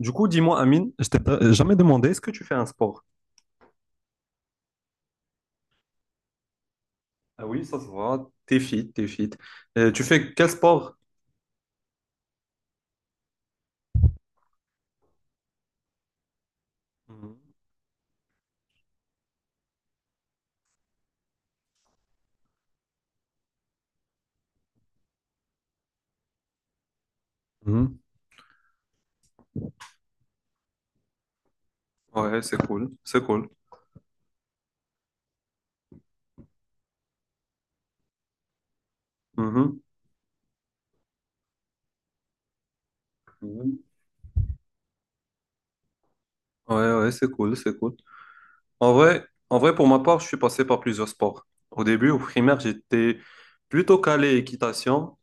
Du coup, dis-moi, Amine, je t'ai jamais demandé, est-ce que tu fais un sport? Ah oui, ça se voit, t'es fit, t'es fit. Tu fais quel sport? Mhm. Mhm. Ouais, c'est cool, c'est cool. Mhm. Mhm. Ouais, ouais, c'est cool, c'est cool. En vrai, en vrai, pour ma part, je suis passé par plusieurs sports. Au début, au primaire, j'étais plutôt calé équitation.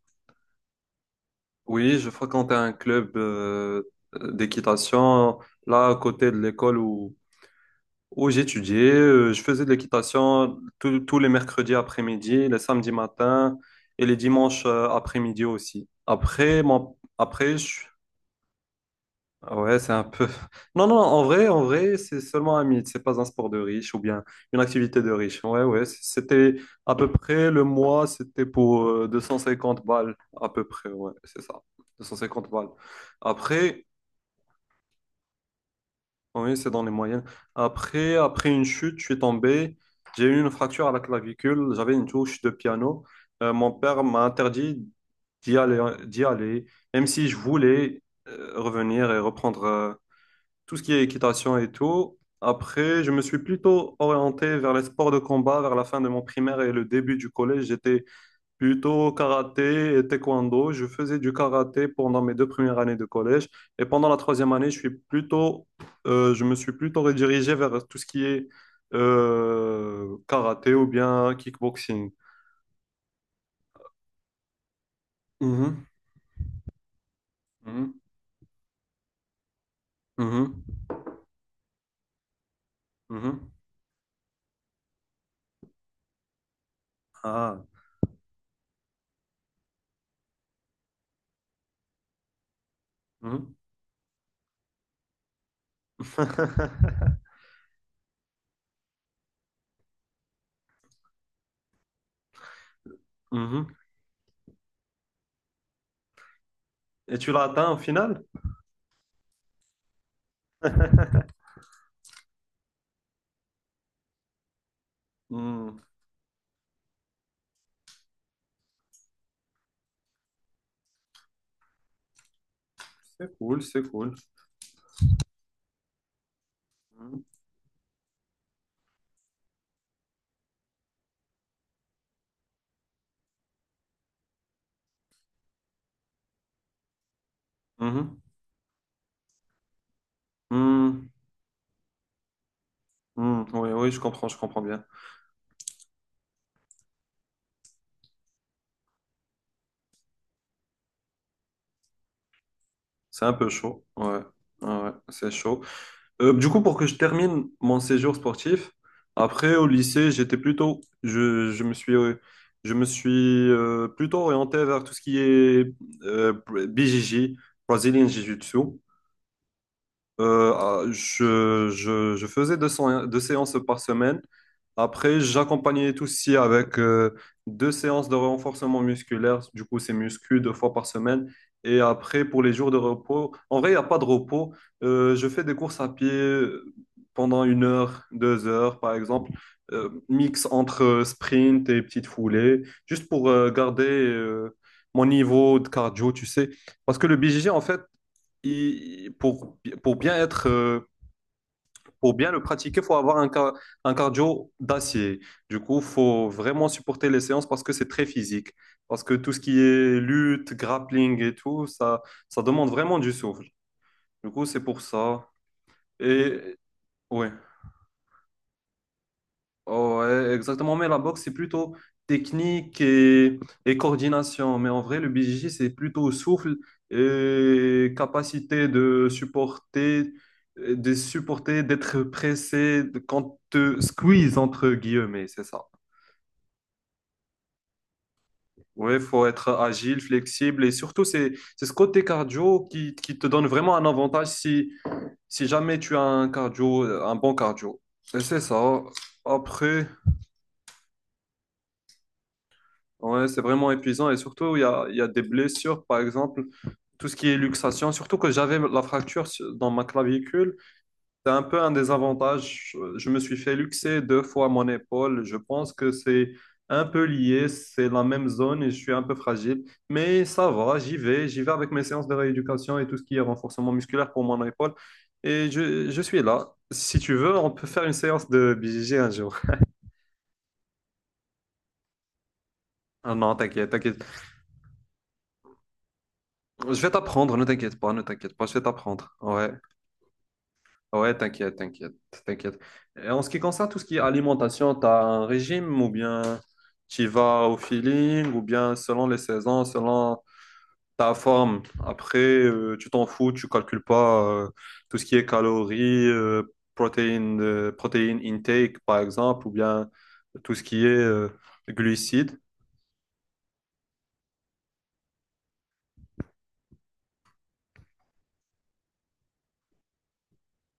Oui, je fréquentais un club d'équitation là à côté de l'école où j'étudiais, je faisais de l'équitation tous les mercredis après-midi, les samedis matins et les dimanches après-midi aussi. Après, ouais, c'est un peu. Non, non, en vrai, c'est seulement un mythe. C'est pas un sport de riche ou bien une activité de riche. Ouais, ouais, c'était à peu près le mois, c'était pour 250 balles à peu près. Ouais, c'est ça, 250 balles. Après. Oui, c'est dans les moyennes. Après, après une chute, je suis tombé. J'ai eu une fracture à la clavicule. J'avais une touche de piano. Mon père m'a interdit d'y aller, même si je voulais revenir et reprendre tout ce qui est équitation et tout. Après, je me suis plutôt orienté vers les sports de combat vers la fin de mon primaire et le début du collège. J'étais plutôt karaté et taekwondo. Je faisais du karaté pendant mes deux premières années de collège. Et pendant la troisième année, je me suis plutôt redirigé vers tout ce qui est karaté ou bien kickboxing. Mhm, mhm, mhm, mhm. Ah, mhm. Mhm. Et tu l'as atteint au final? Hmm. C'est cool, c'est cool. Mhm, mhm, hmm, hmm. Oui, oui, je comprends bien. C'est un peu chaud. Ouais, ouais, ouais, c'est chaud. Du coup, pour que je termine mon séjour sportif, après au lycée, j'étais plutôt, je me suis plutôt orienté vers tout ce qui est euh, BJJ, Brazilian Jiu-Jitsu. Je faisais deux séances par semaine. Après, j'accompagnais tout aussi avec deux séances de renforcement musculaire. Du coup, c'est muscu deux fois par semaine. Et après, pour les jours de repos, en vrai, il n'y a pas de repos. Je fais des courses à pied pendant 1 heure, 2 heures, par exemple. Mix entre sprint et petites foulées, juste pour garder mon niveau de cardio, tu sais. Parce que le BJJ, en fait, pour bien être, pour bien le pratiquer, faut avoir un cardio d'acier. Du coup, faut vraiment supporter les séances parce que c'est très physique. Parce que tout ce qui est lutte, grappling et tout, ça demande vraiment du souffle. Du coup, c'est pour ça. Et ouais. Ouais, exactement, mais la boxe, c'est plutôt technique et coordination. Mais en vrai, le BJJ, c'est plutôt souffle et capacité de supporter, d'être pressé quand te squeeze, entre guillemets, c'est ça. Ouais, faut être agile, flexible et surtout, c'est ce côté cardio qui te donne vraiment un avantage si jamais tu as un cardio, un bon cardio. Et c'est ça. Après. Ouais, c'est vraiment épuisant et surtout, il y a des blessures, par exemple, tout ce qui est luxation, surtout que j'avais la fracture dans ma clavicule, c'est un peu un désavantage. Je me suis fait luxer deux fois mon épaule. Je pense que c'est un peu lié, c'est la même zone et je suis un peu fragile. Mais ça va, j'y vais avec mes séances de rééducation et tout ce qui est renforcement musculaire pour mon épaule. Et je suis là. Si tu veux, on peut faire une séance de BJJ un jour. Ah non, t'inquiète, t'inquiète. Je vais t'apprendre, ne t'inquiète pas, ne t'inquiète pas, je vais t'apprendre. Ouais, ouais, t'inquiète, t'inquiète, t'inquiète. Et en ce qui concerne tout ce qui est alimentation, tu as un régime ou bien tu y vas au feeling ou bien selon les saisons, selon ta forme. Après, tu t'en fous, tu calcules pas tout ce qui est calories, protéines intake par exemple, ou bien tout ce qui est glucides.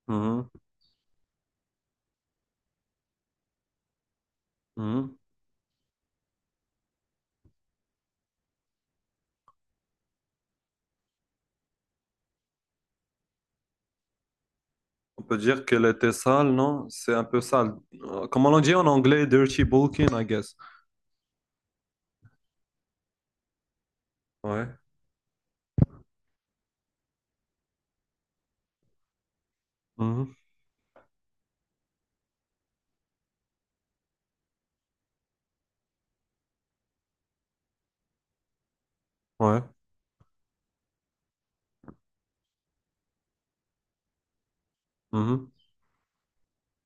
Mhm, mhm. On peut dire qu'elle était sale, non? C'est un peu sale. Comment on dit en anglais? Dirty bulking, I guess. Ouais. Mhm. Ouais. Mhm.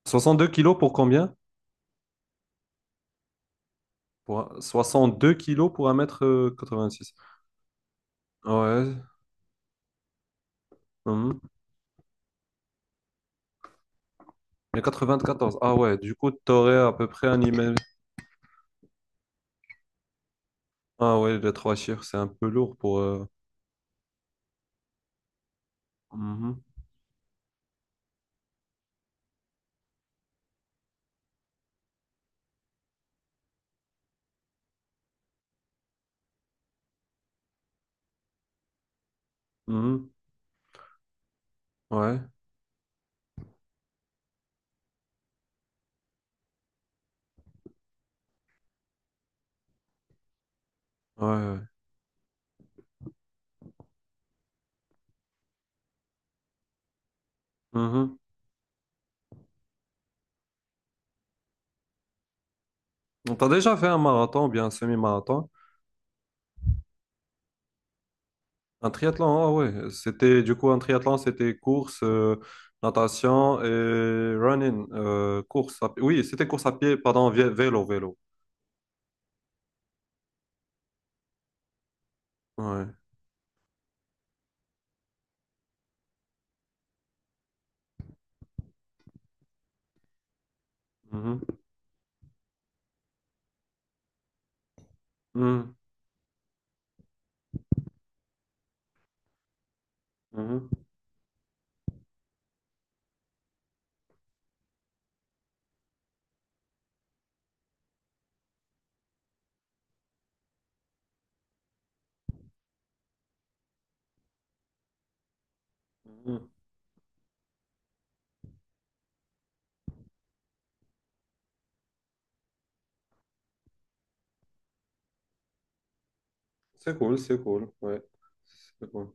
62 kilos pour combien? Pour 62 kilos pour 1 m 86. Ouais. Mhm. Il y a 94. Ah ouais, du coup, t'aurais à peu près un email. Ah ouais, les trois chiffres, c'est un peu lourd pour. Mhm. Mhm. Ouais. Ouais. Ouais. Mhm. T'as déjà fait un marathon ou bien un semi-marathon? Un triathlon, ah ouais. C'était, du coup, un triathlon, c'était course, natation et running. Oui, c'était course à pied, pardon, vélo, vélo. Ouais. Mhm. Mhm. Mhm. Mhm. C'est cool, c'est cool. Ouais. C'est cool.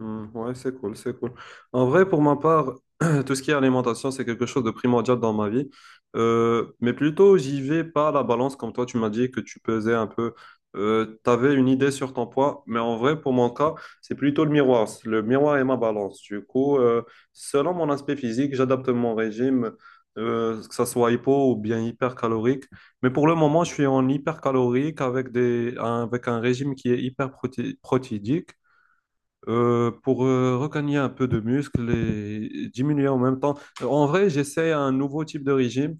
Hmm, ouais, c'est cool, c'est cool. En vrai, pour ma part, tout ce qui est alimentation, c'est quelque chose de primordial dans ma vie. Mais plutôt, j'y vais pas à la balance, comme toi, tu m'as dit que tu pesais un peu. Tu avais une idée sur ton poids, mais en vrai, pour mon cas, c'est plutôt le miroir. Le miroir et ma balance. Du coup, selon mon aspect physique, j'adapte mon régime, que ça soit hypo ou bien hypercalorique. Mais pour le moment, je suis en hypercalorique avec un régime qui est hyper protéidique pour regagner un peu de muscle et diminuer en même temps. En vrai, j'essaie un nouveau type de régime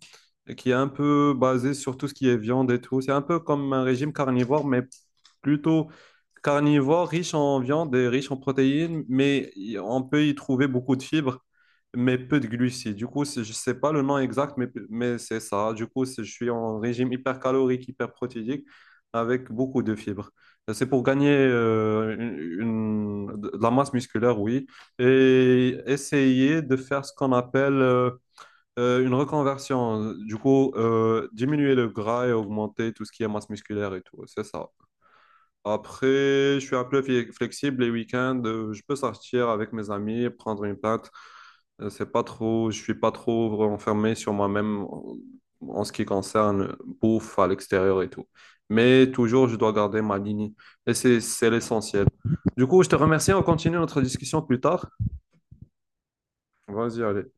qui est un peu basé sur tout ce qui est viande et tout. C'est un peu comme un régime carnivore, mais plutôt carnivore, riche en viande et riche en protéines, mais on peut y trouver beaucoup de fibres, mais peu de glucides. Du coup, je ne sais pas le nom exact, mais c'est ça. Du coup, je suis en régime hypercalorique, hyperprotéique, avec beaucoup de fibres. C'est pour gagner de la masse musculaire, oui, et essayer de faire ce qu'on appelle une reconversion. Du coup, diminuer le gras et augmenter tout ce qui est masse musculaire et tout. C'est ça. Après, je suis un peu flexible les week-ends. Je peux sortir avec mes amis, prendre une pinte. C'est pas trop, je suis pas trop enfermé sur moi-même en ce qui concerne bouffe à l'extérieur et tout. Mais toujours, je dois garder ma ligne. Et c'est l'essentiel. Du coup, je te remercie. On continue notre discussion plus tard. Vas-y, allez.